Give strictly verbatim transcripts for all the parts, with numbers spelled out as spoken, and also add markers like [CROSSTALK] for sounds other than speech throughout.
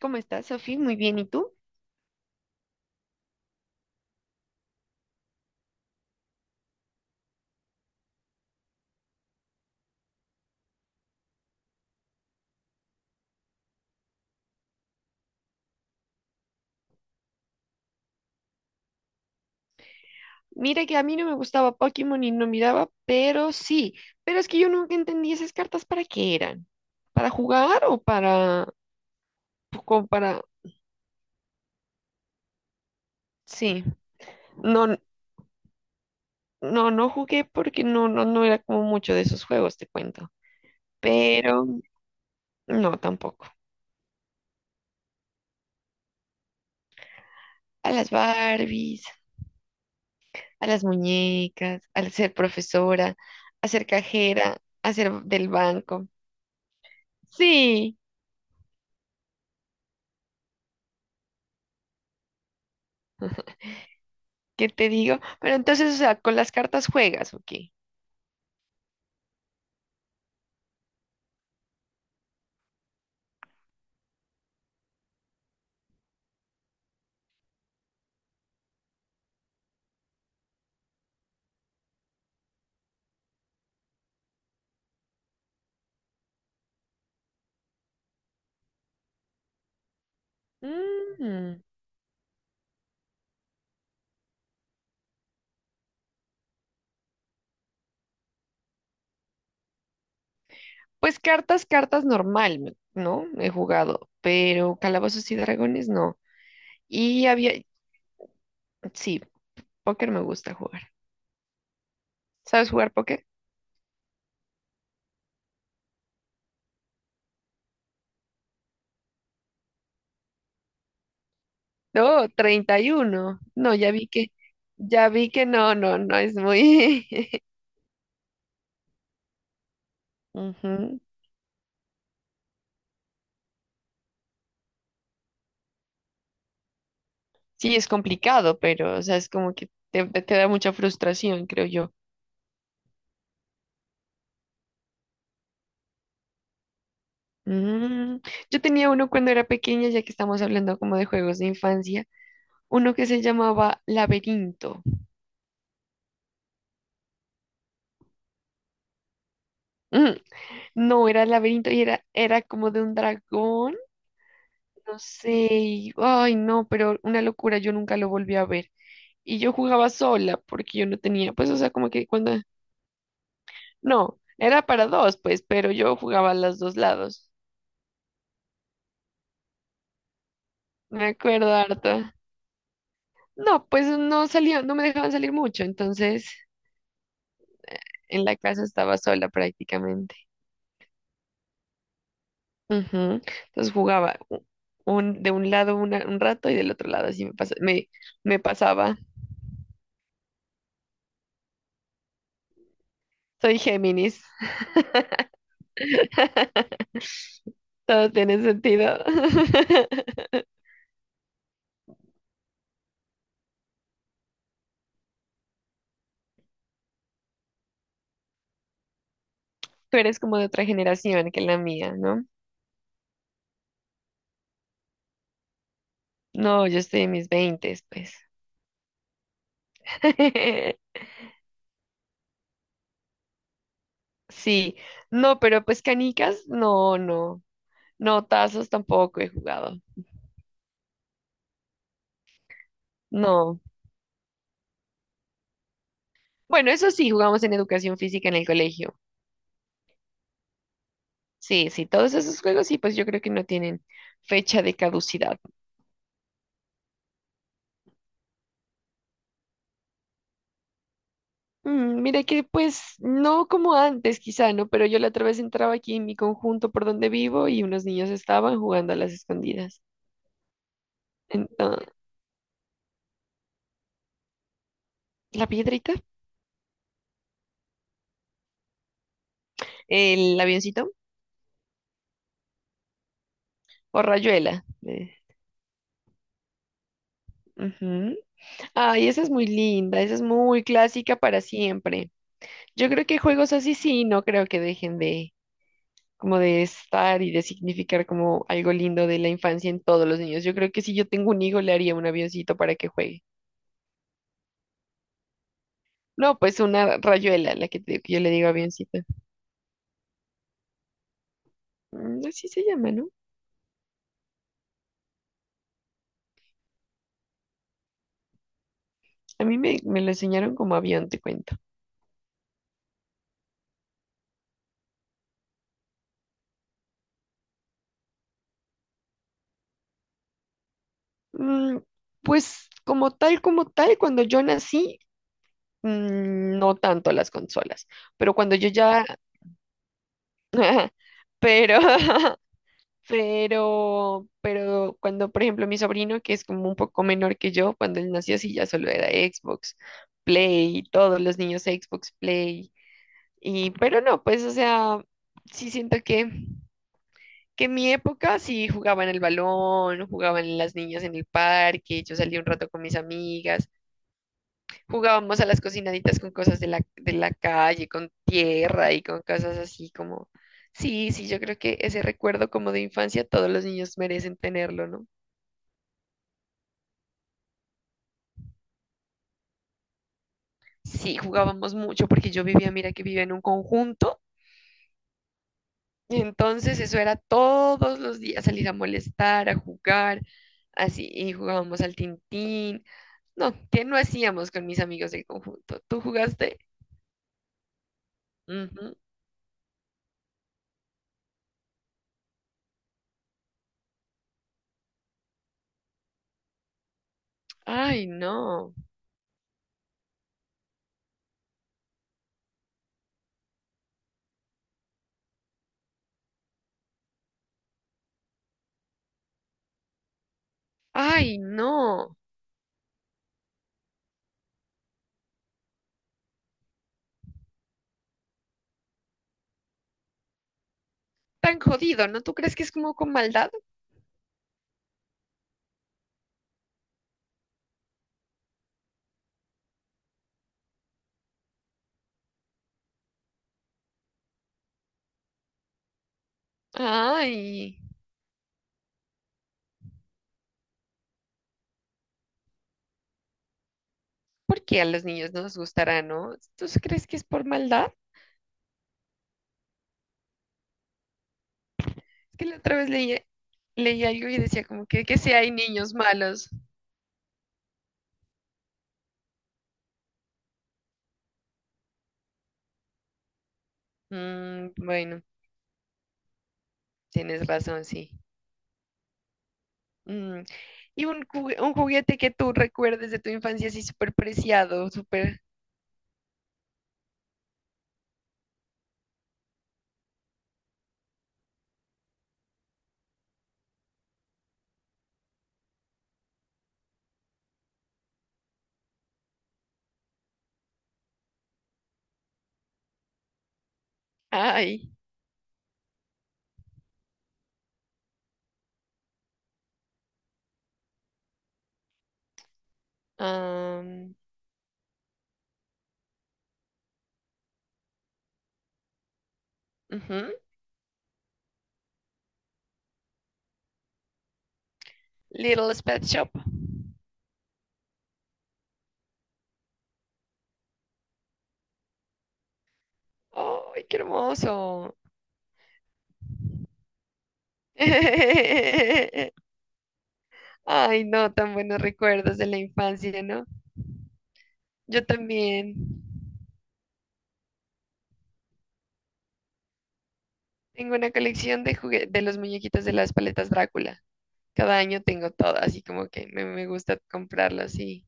¿Cómo estás, Sofi? Muy bien, ¿y tú? Mira que a mí no me gustaba Pokémon y no miraba, pero sí, pero es que yo nunca entendí esas cartas para qué eran. ¿Para jugar o para, pues, como para, sí, no, n- no, no jugué porque no, no, no era como mucho de esos juegos, te cuento. Pero no, tampoco. A las Barbies, a las muñecas, al ser profesora, a ser cajera, a ser del banco. Sí, ¿qué te digo? Pero entonces, o sea, con las cartas juegas, ¿ok? Mm, Pues cartas, cartas normal, me- ¿no? He jugado, pero calabozos y dragones no. Y había, sí, póker me gusta jugar. ¿Sabes jugar póker? No, treinta y uno. No, ya vi que, ya vi que no, no, no es muy... [LAUGHS] Ujú. Sí, es complicado, pero, o sea, es como que te, te da mucha frustración, creo yo. Mm, Yo tenía uno cuando era pequeña, ya que estamos hablando como de juegos de infancia, uno que se llamaba Laberinto. [LAUGHS] No, era el laberinto y era, era como de un dragón, no sé, y- ay no, pero una locura, yo nunca lo volví a ver. Y yo jugaba sola porque yo no tenía, pues o sea, como que cuando, no, era para dos, pues, pero yo jugaba a los dos lados, me acuerdo harto. No, pues no salía, no me dejaban salir mucho, entonces en la casa estaba sola prácticamente. Ujú. Entonces jugaba u- un, de un lado una- un rato y del otro lado así me pasa- me, me pasaba. Soy Géminis. Todo tiene sentido. [LAUGHS] Tú eres como de otra generación que la mía, ¿no? No, yo estoy en mis veintes, pues. [LAUGHS] Sí, no, pero pues canicas, no, no. No, tazos tampoco he jugado. No. Bueno, eso sí, jugamos en educación física en el colegio. Sí, sí, todos esos juegos sí, pues yo creo que no tienen fecha de caducidad. Mm, mira que pues no como antes quizá, ¿no? Pero yo la otra vez entraba aquí en mi conjunto por donde vivo y unos niños estaban jugando a las escondidas. Entonces, la piedrita, el avioncito o rayuela. eh, ujú. Ay, esa es muy linda, esa es muy clásica para siempre. Yo creo que juegos así sí, no creo que dejen de como de estar y de significar como algo lindo de la infancia en todos los niños. Yo creo que si yo tengo un hijo le haría un avioncito para que juegue. No, pues una rayuela, la que, te- digo que yo le digo avioncito. Mm, Así se llama, ¿no? A mí me, me lo enseñaron como avión, te cuento. Mm, pues como tal, como tal, cuando yo nací, mm, no tanto las consolas, pero cuando yo ya, [LAUGHS] pero, [LAUGHS] pero, pero cuando, por ejemplo, mi sobrino, que es como un poco menor que yo, cuando él nació sí ya solo era Xbox, Play, todos los niños Xbox, Play, y, pero no, pues, o sea, sí siento que, que en mi época sí jugaban el balón, jugaban las niñas en el parque, yo salía un rato con mis amigas, jugábamos a las cocinaditas con cosas de la, de la calle, con tierra y con cosas así como... Sí, sí, yo creo que ese recuerdo como de infancia todos los niños merecen tenerlo, ¿no? Sí, jugábamos mucho porque yo vivía, mira que vivía en un conjunto, y entonces eso era todos los días salir a molestar, a jugar, así, y jugábamos al tintín. No, ¿qué no hacíamos con mis amigos del conjunto? ¿Tú jugaste? Ujú. Ay, no. Ay, no. Tan jodido, ¿no? ¿Tú crees que es como con maldad? Ay, ¿por qué a los niños no les gustará, no? ¿Tú sí crees que es por maldad? Es que la otra vez leía, leía algo y decía como que, que si hay niños malos. Mm, bueno, tienes razón, sí. Mm, Y un, jugue- un juguete que tú recuerdes de tu infancia así súper preciado, súper... Ay, am, ujú, Little Pet Shop. ¡Ay, qué hermoso! [LAUGHS] Ay, no, tan buenos recuerdos de la infancia, ¿no? Yo también tengo una colección de jugue- de los muñequitos de las paletas Drácula. Cada año tengo todo, así como que me, me gusta comprarlos y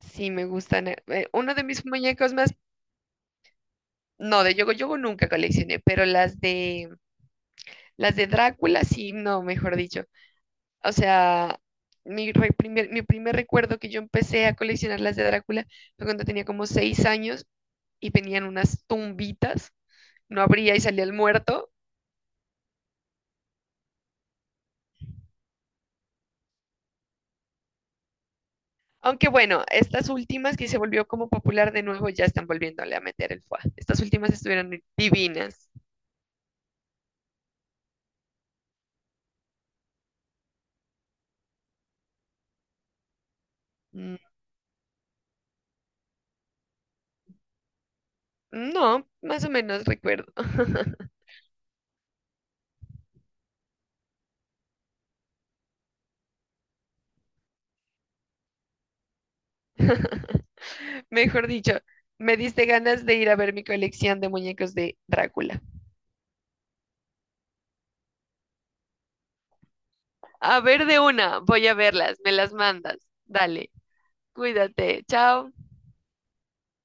sí me gustan. Eh, eh, uno de mis muñecos más, no, de Yogo Yogo nunca coleccioné, pero las de las de Drácula sí, no, mejor dicho. O sea, mi, re- primer, mi primer recuerdo que yo empecé a coleccionar las de Drácula fue cuando tenía como seis años y venían unas tumbitas no abría y salía el muerto. Aunque bueno, estas últimas que se volvió como popular de nuevo ya están volviéndole a meter el foie. Estas últimas estuvieron divinas. Mm, no, más o menos recuerdo. [LAUGHS] Mejor dicho, me diste ganas de ir a ver mi colección de muñecos de Drácula. A ver de una, voy a verlas, me las mandas. Dale, cuídate, chao.